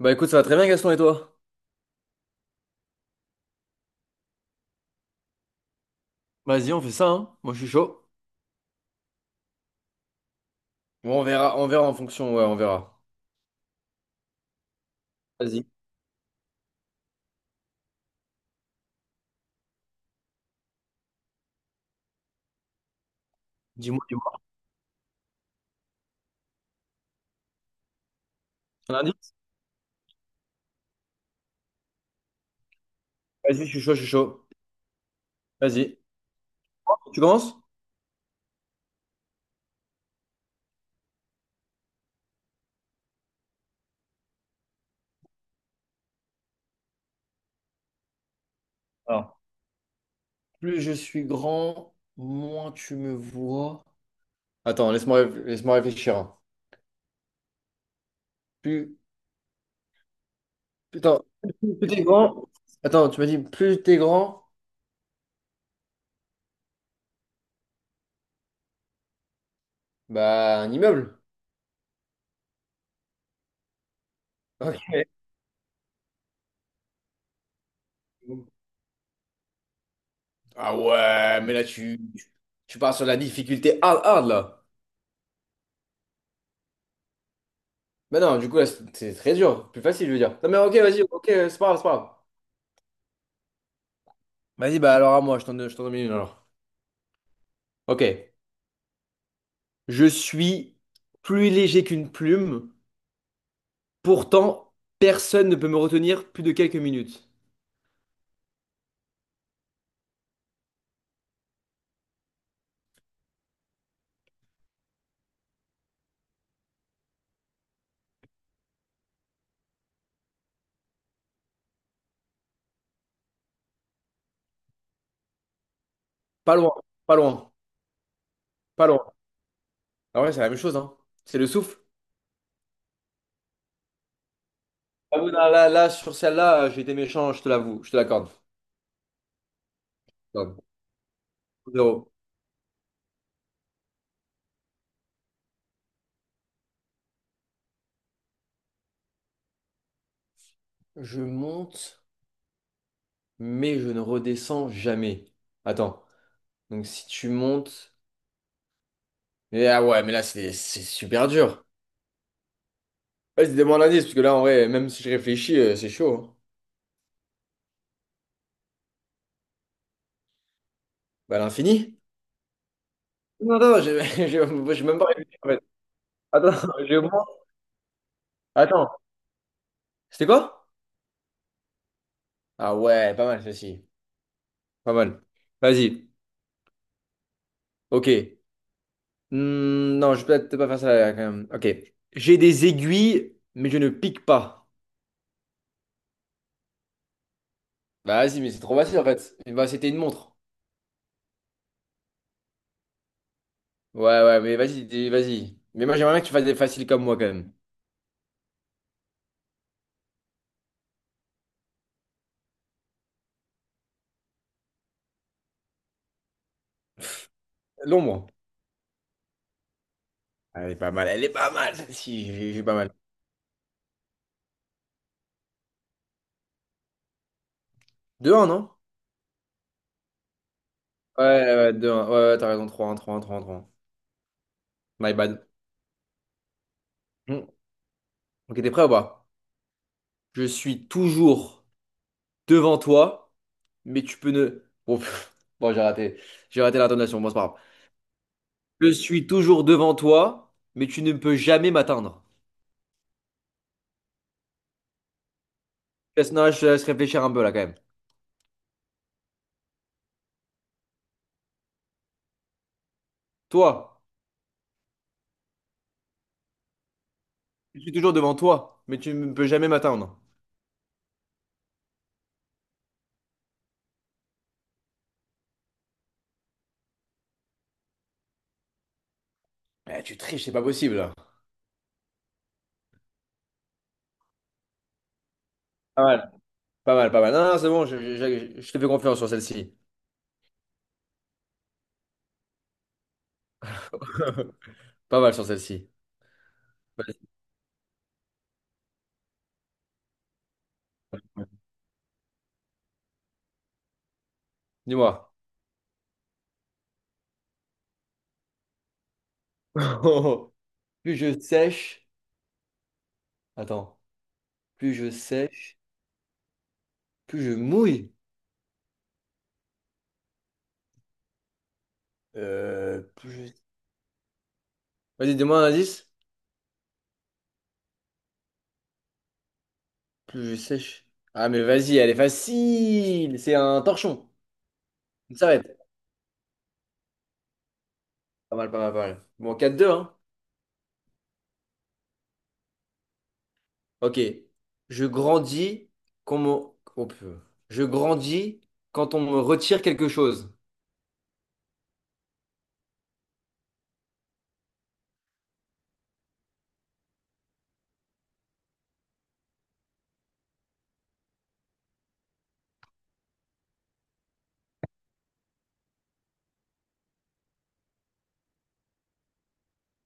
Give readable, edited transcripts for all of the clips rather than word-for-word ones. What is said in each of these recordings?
Bah écoute, ça va très bien, Gaston, et toi? Vas-y, on fait ça, hein. Moi, je suis chaud. Bon, on verra en fonction, ouais, on verra. Vas-y. Dis-moi, dis-moi. Un indice? Vas-y, je suis chaud, je suis chaud. Vas-y. Tu commences? Alors, plus je suis grand, moins tu me vois. Attends, laisse-moi laisse-moi réfléchir, hein. Plus, attends, plus t'es grand. Attends, tu m'as dit plus t'es grand, bah un immeuble. Ok. Ah ouais, mais là tu, tu pars sur la difficulté hard hard là. Bah non, du coup, là, c'est très dur. Plus facile, je veux dire. Non, mais ok, vas-y, ok, c'est pas grave, c'est pas grave. Vas-y, bah alors à moi, je t'en donne une alors. Ok. Je suis plus léger qu'une plume, pourtant, personne ne peut me retenir plus de quelques minutes. Pas loin, pas loin, pas loin. Ah ouais, c'est la même chose, hein. C'est le souffle. Ah oui, là, là, là, sur celle-là, j'ai été méchant, je te l'avoue, je te l'accorde. Non, zéro. Je monte, mais je ne redescends jamais. Attends. Donc si tu montes. Et ah ouais, mais là, c'est super dur. Vas-y, demande un indice, parce que là, en vrai, même si je réfléchis, c'est chaud, hein. Bah, l'infini? Non, non, j'ai j'ai même pas réfléchi, en fait. Attends, Attends, c'était quoi? Ah ouais, pas mal, ceci. Pas mal. Vas-y, ok. Non, je vais peut-être pas faire ça, là, quand même. Ok. J'ai des aiguilles, mais je ne pique pas. Bah, vas-y, mais c'est trop facile, en fait. Bah, c'était une montre. Ouais, ouais, mais vas-y, vas-y. Mais moi, j'aimerais bien que tu fasses des faciles comme moi, quand même. L'ombre. Elle est pas mal, elle est pas mal celle-ci, j'ai pas mal. Deux 1 non? Ouais, ouais, deux, 1 ouais, ouais, t'as raison, trois, un, trois, un, trois, un, trois. 1 My bad. Hmm. Ok, t'es prêt ou pas? Je suis toujours devant toi, mais tu peux ne... Bon, pff, bon, j'ai raté l'intonation, bon, c'est pas grave. Je suis toujours devant toi, mais tu ne peux jamais m'atteindre. Laisse, non, je te laisse réfléchir un peu là quand même. Toi, je suis toujours devant toi, mais tu ne peux jamais m'atteindre. Eh, tu triches, c'est pas possible. Pas mal, pas mal, pas mal. Non, non, c'est bon, je te fais confiance sur celle-ci. Pas mal sur celle-ci. Vas-y. Ouais. Dis-moi. Plus je sèche. Attends. Plus je sèche, plus je mouille. Euh, plus je- Vas-y, dis-moi un indice. Plus je sèche. Ah, mais vas-y, elle est facile. C'est un torchon. Une s'arrête. Pas mal, pas mal, pas mal. Bon, 4-2, hein. Ok. Je grandis quand oh, peu. Je grandis quand on me retire quelque chose.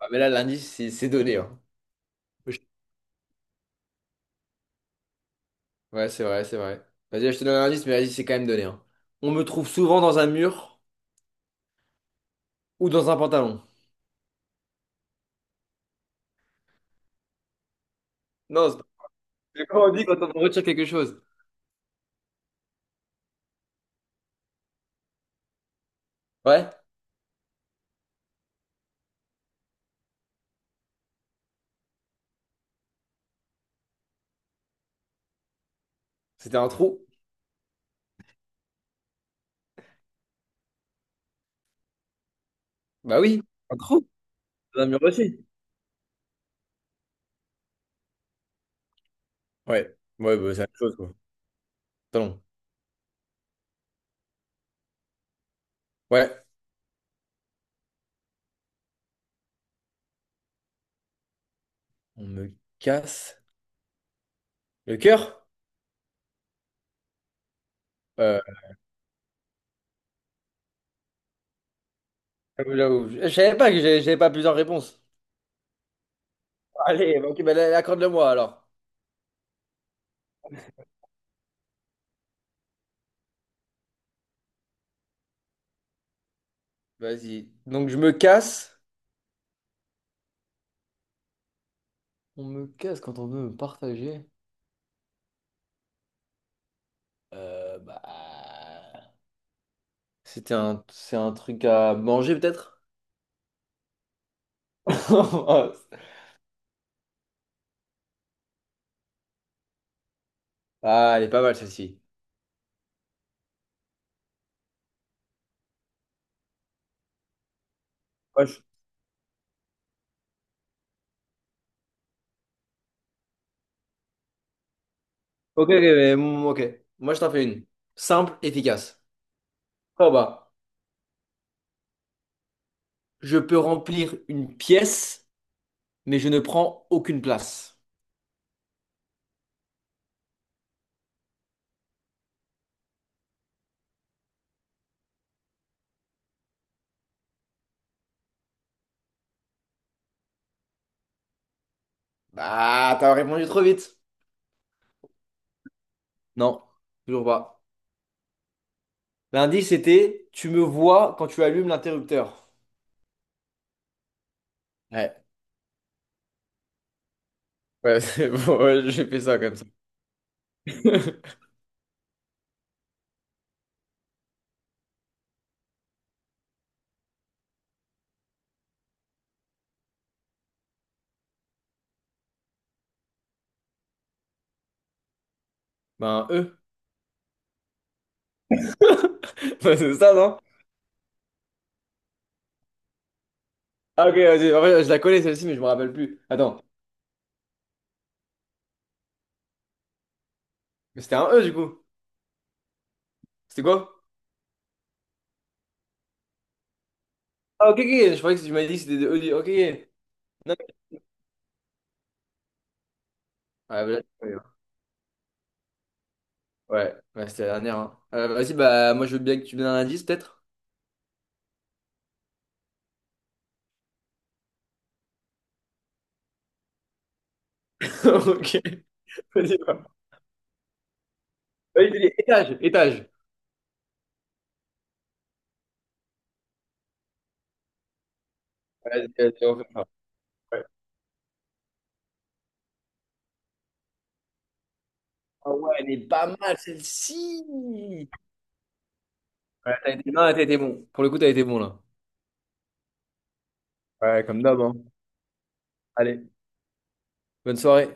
Ah, mais là, l'indice, c'est donné, hein. Ouais, c'est vrai, c'est vrai. Vas-y, je te donne un indice, mais vas-y, c'est quand même donné, hein. On me trouve souvent dans un mur ou dans un pantalon. Non, c'est pas- c'est comment on dit quand on retire quelque chose? Ouais, c'était un trou. Bah oui, un trou dans un mur aussi. Ouais, ouais, bah, c'est la même chose, quoi. Pantalon. Ouais, on me casse le cœur? Euh, Je savais pas que j'avais pas plusieurs réponses. Allez, bah, ok, bah, là, accorde-le-moi alors. Vas-y. Donc, je me casse. On me casse quand on veut me partager. Bah. C'était un, c'est un truc à manger peut-être? Ah, elle est pas mal celle-ci. Moi, je- Ok, ok, mais ok. Moi, je t'en fais une. Simple, efficace. Oh bah, je peux remplir une pièce, mais je ne prends aucune place. Bah, t'as répondu trop vite. Non, toujours pas. L'indice c'était, tu me vois quand tu allumes l'interrupteur. Ouais, ouais, c'est bon, ouais, j'ai fait ça comme ça. Ben, E. C'est ça, non? Ah, ok, vas-y. En fait, je la connais celle-ci, mais je me rappelle plus. Attends. Mais c'était un E du coup. C'était quoi? Ah, ok, ok, je croyais que tu m'as dit que c'était des E. Ok, ok. Non. Ouais, bah là, c'est pas grave. Ouais, ouais, c'était la dernière, hein. Vas-y, bah, moi, je veux bien que tu me donnes un indice, peut-être. Ok. Vas-y, bah. Vas-y, vas-y, étage, étage. Vas-y, vas-y, on fait ça. Ouais. Ah ouais, elle est pas mal, celle-ci. Ouais, t'as été... Non, t'as été bon. Pour le coup, t'as été bon, là. Ouais, comme d'hab, hein. Allez, bonne soirée.